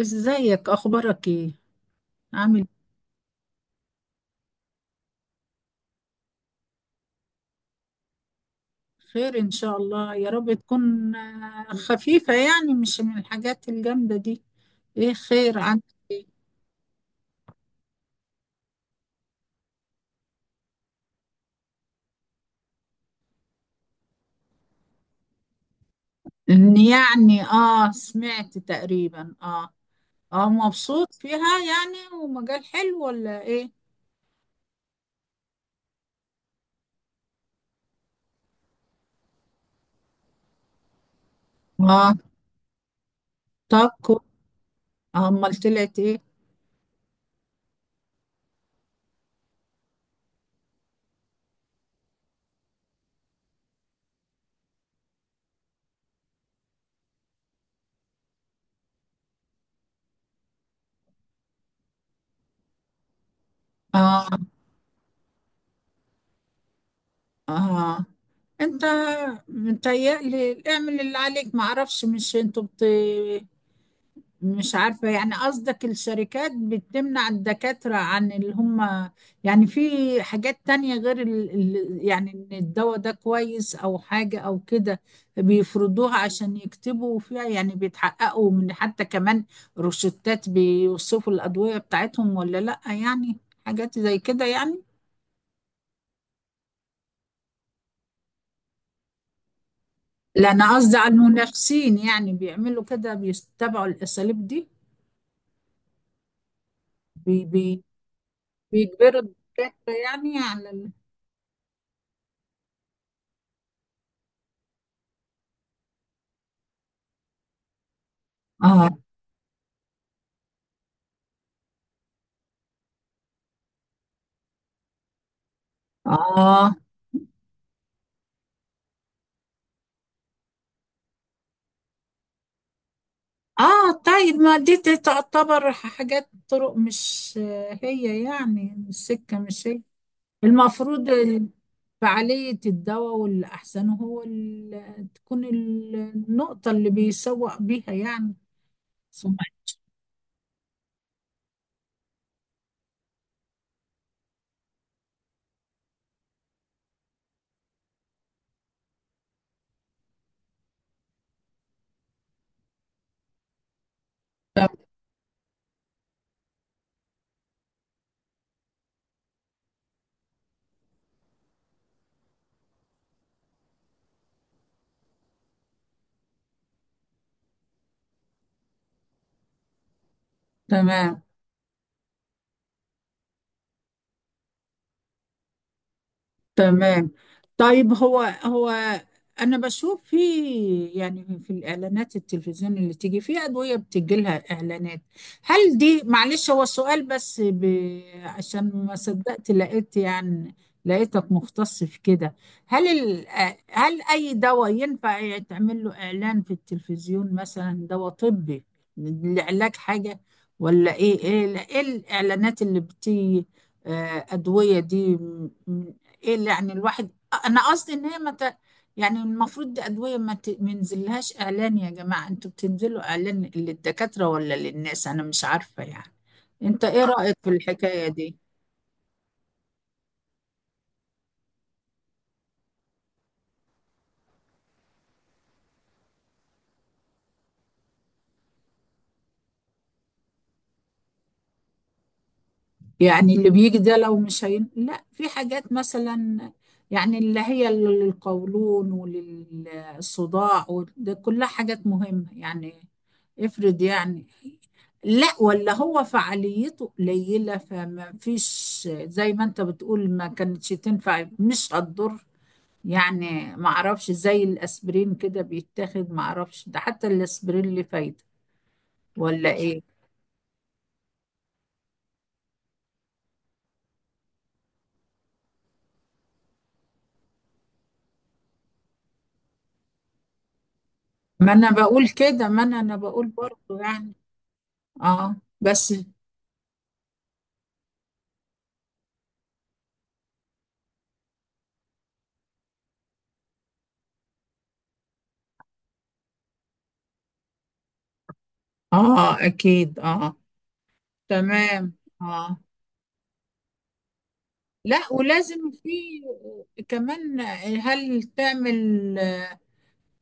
ازيك؟ اخبارك ايه؟ عامل؟ خير ان شاء الله، يا رب تكون خفيفة، يعني مش من الحاجات الجامدة دي. ايه؟ خير عندك؟ ايه، ان يعني سمعت تقريبا. اه، اه، مبسوط فيها؟ يعني ومجال حلو ولا ايه؟ اه، طب امال طلعت ايه؟ اه، اه، انت متهيألي اعمل اللي عليك، معرفش، مش انتوا بت...؟ مش عارفة، يعني قصدك الشركات بتمنع الدكاترة عن اللي هم، يعني في حاجات تانية غير يعني ان الدواء ده كويس او حاجة او كده بيفرضوها عشان يكتبوا فيها؟ يعني بيتحققوا من حتى كمان روشتات بيوصفوا الأدوية بتاعتهم ولا لأ يعني؟ حاجات زي كده يعني. لا، انا قصدي على المنافسين، يعني بيعملوا كده بيتبعوا الأساليب دي؟ بي... بي... بيجبروا الدكاترة يعني على اه، اه، اه، طيب، ما دي تعتبر حاجات، طرق، مش هي يعني السكة، مش هي المفروض فعالية الدواء والأحسن هو تكون النقطة اللي بيسوق بيها يعني. ثم- تمام، تمام. طيب، هو انا بشوف في، يعني في الاعلانات التلفزيون اللي تيجي فيها ادويه بتجي لها اعلانات. هل دي، معلش، هو سؤال بس عشان ما صدقت لقيت، يعني لقيتك مختص في كده. هل هل اي دواء ينفع يتعمل له اعلان في التلفزيون، مثلا دواء طبي لعلاج حاجه، ولا ايه؟ ايه الاعلانات اللي بتيجي ادويه دي؟ ايه اللي يعني الواحد، انا قصدي ان هي ما ت... يعني المفروض دي ادويه ما ينزلهاش اعلان. يا جماعه، انتوا بتنزلوا اعلان للدكاتره ولا للناس؟ انا مش عارفه يعني. انت ايه رايك في الحكايه دي؟ يعني اللي بيجي ده لو مش لا، في حاجات مثلا، يعني اللي هي للقولون وللصداع، وده كلها حاجات مهمة يعني. افرض يعني، لا، ولا هو فعاليته قليلة، فما فيش زي ما انت بتقول ما كانتش تنفع مش هتضر. يعني ما اعرفش زي الاسبرين كده بيتاخد، ما اعرفش ده حتى الاسبرين اللي فايدة ولا ايه. ما انا بقول كده، ما انا بقول برضه يعني. اه، بس. اه، اكيد. اه، تمام. اه، لا، ولازم في كمان. هل تعمل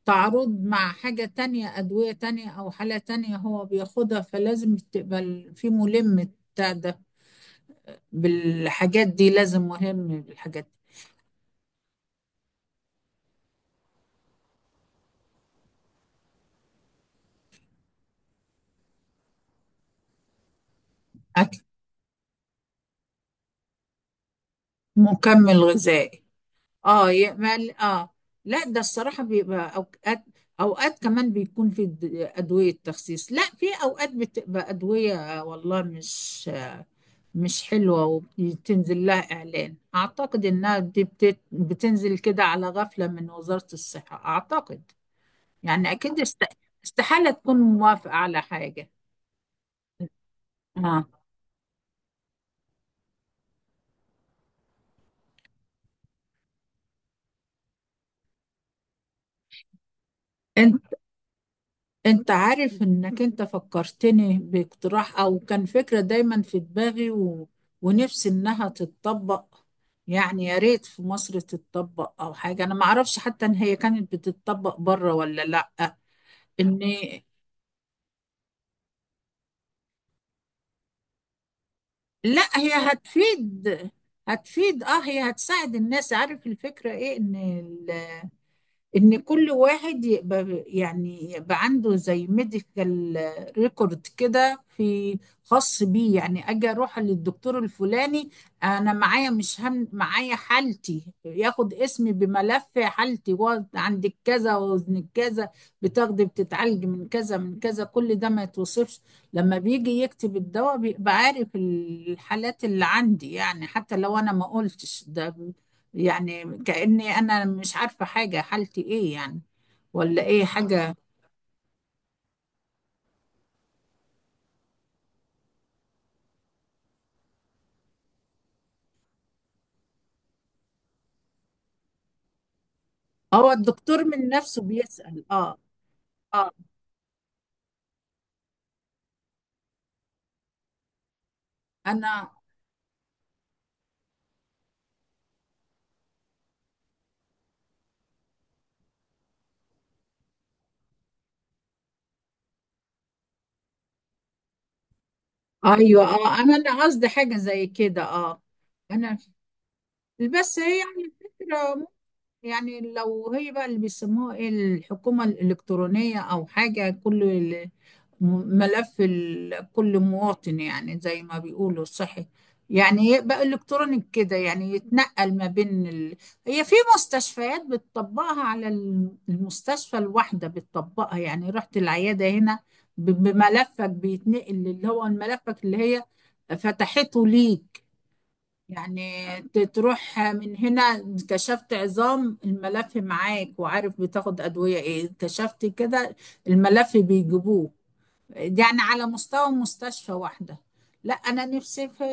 تعارض مع حاجة تانية، أدوية تانية أو حالة تانية هو بياخدها، فلازم تبقى في ملم بتاع ده بالحاجات دي، لازم مهم بالحاجات دي. أكل، مكمل غذائي. اه، يعمل. اه، لا، ده الصراحة بيبقى اوقات، اوقات كمان بيكون في ادوية تخسيس. لا، في اوقات بتبقى ادوية والله مش حلوة، وبتنزل لها اعلان. اعتقد انها دي بتنزل كده على غفلة من وزارة الصحة، اعتقد. يعني اكيد استحالة تكون موافقة على حاجة. اه، انت عارف انك انت فكرتني باقتراح او كان فكرة دايما في دماغي ونفسي انها تتطبق، يعني يا ريت في مصر تتطبق او حاجة. انا ما اعرفش حتى ان هي كانت بتتطبق بره ولا لا. ان لا، هي هتفيد. هتفيد، اه، هي هتساعد الناس. عارف الفكرة ايه؟ ان كل واحد يبقى، يعني يبقى عنده زي ميديكال ريكورد كده، في خاص بيه. يعني اجي اروح للدكتور الفلاني انا معايا، مش هم معايا حالتي، ياخد اسمي بملف حالتي، وقعد عندك كذا، وزنك كذا، بتاخدي بتتعالجي من كذا من كذا، كل ده ما يتوصفش. لما بيجي يكتب الدواء بيبقى عارف الحالات اللي عندي، يعني حتى لو انا ما قلتش ده، يعني كأني أنا مش عارفة حاجة حالتي إيه يعني، ولا إيه حاجة. هو الدكتور من نفسه بيسأل؟ آه، آه. أنا، أيوه، أنا قصدي حاجة زي كده. أنا، بس هي يعني الفكرة ممكن، يعني لو هي بقى اللي بيسموها إيه، الحكومة الإلكترونية أو حاجة، كله ملف كل مواطن، يعني زي ما بيقولوا صحي، يعني يبقى الكترونيك كده، يعني يتنقل ما بين هي في مستشفيات بتطبقها على المستشفى الواحده بتطبقها. يعني رحت العياده هنا، بملفك بيتنقل اللي هو ملفك اللي هي فتحته ليك. يعني تروح من هنا كشفت عظام، الملف معاك وعارف بتاخد ادويه ايه، كشفت كده الملف بيجيبوه. يعني على مستوى مستشفى واحدة. لا، أنا نفسي في،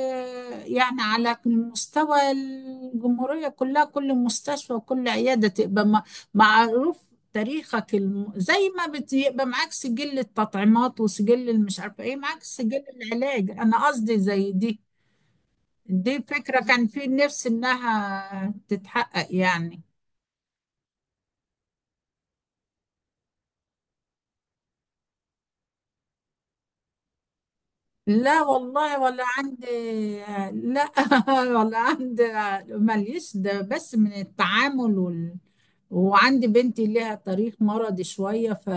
يعني على مستوى الجمهورية كلها، كل مستشفى وكل عيادة تبقى معروف تاريخك زي ما يبقى معاك سجل التطعيمات، وسجل المش عارفة ايه، معاك سجل العلاج. أنا قصدي زي دي، دي فكرة كان في نفسي إنها تتحقق يعني. لا والله، ولا عندي. لا ولا عندي، ماليش. ده بس من التعامل وعندي بنتي لها طريق مرضي شوية،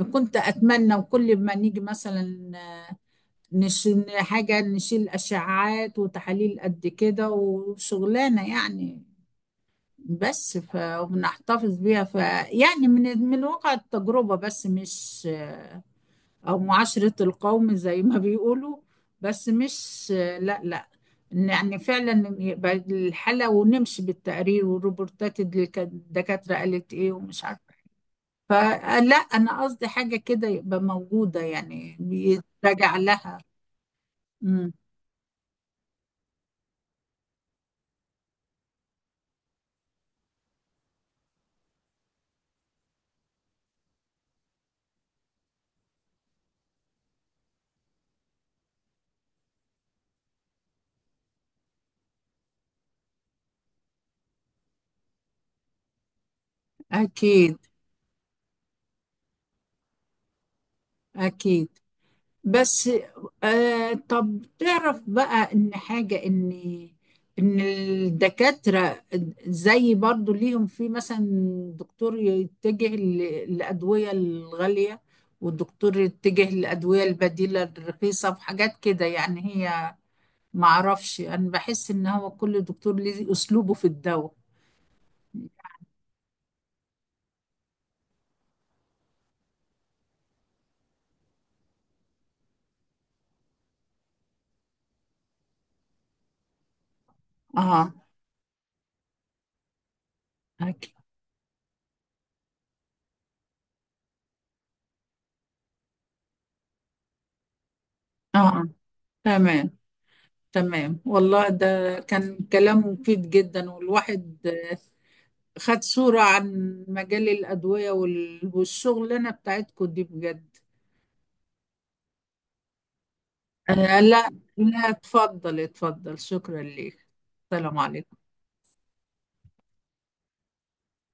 فكنت أتمنى، وكل ما نيجي مثلا نشيل حاجة، نشيل أشعاعات وتحاليل قد كده وشغلانة يعني. بس وبنحتفظ بيها يعني من واقع التجربة، بس مش، او معاشرة القوم زي ما بيقولوا. بس مش، لا، لا، إن يعني فعلا يبقى الحالة ونمشي بالتقرير والروبورتات اللي كانت الدكاترة قالت ايه، ومش عارفة، فلا، انا قصدي حاجة كده يبقى موجودة، يعني بيتراجع لها. امم اكيد، اكيد. بس طب تعرف بقى ان حاجة، ان الدكاترة زي برضو ليهم في، مثلا دكتور يتجه للأدوية الغالية، والدكتور يتجه للأدوية البديلة الرخيصة وحاجات كده يعني. هي معرفش، أنا بحس إن هو كل دكتور ليه أسلوبه في الدواء. اه، أكيد. اه، تمام، تمام. والله ده كان كلام مفيد جدا، والواحد خد صورة عن مجال الأدوية والشغلانة بتاعتكم دي بجد. لا، لا، اتفضل، اتفضل، شكرا ليك. السلام عليكم.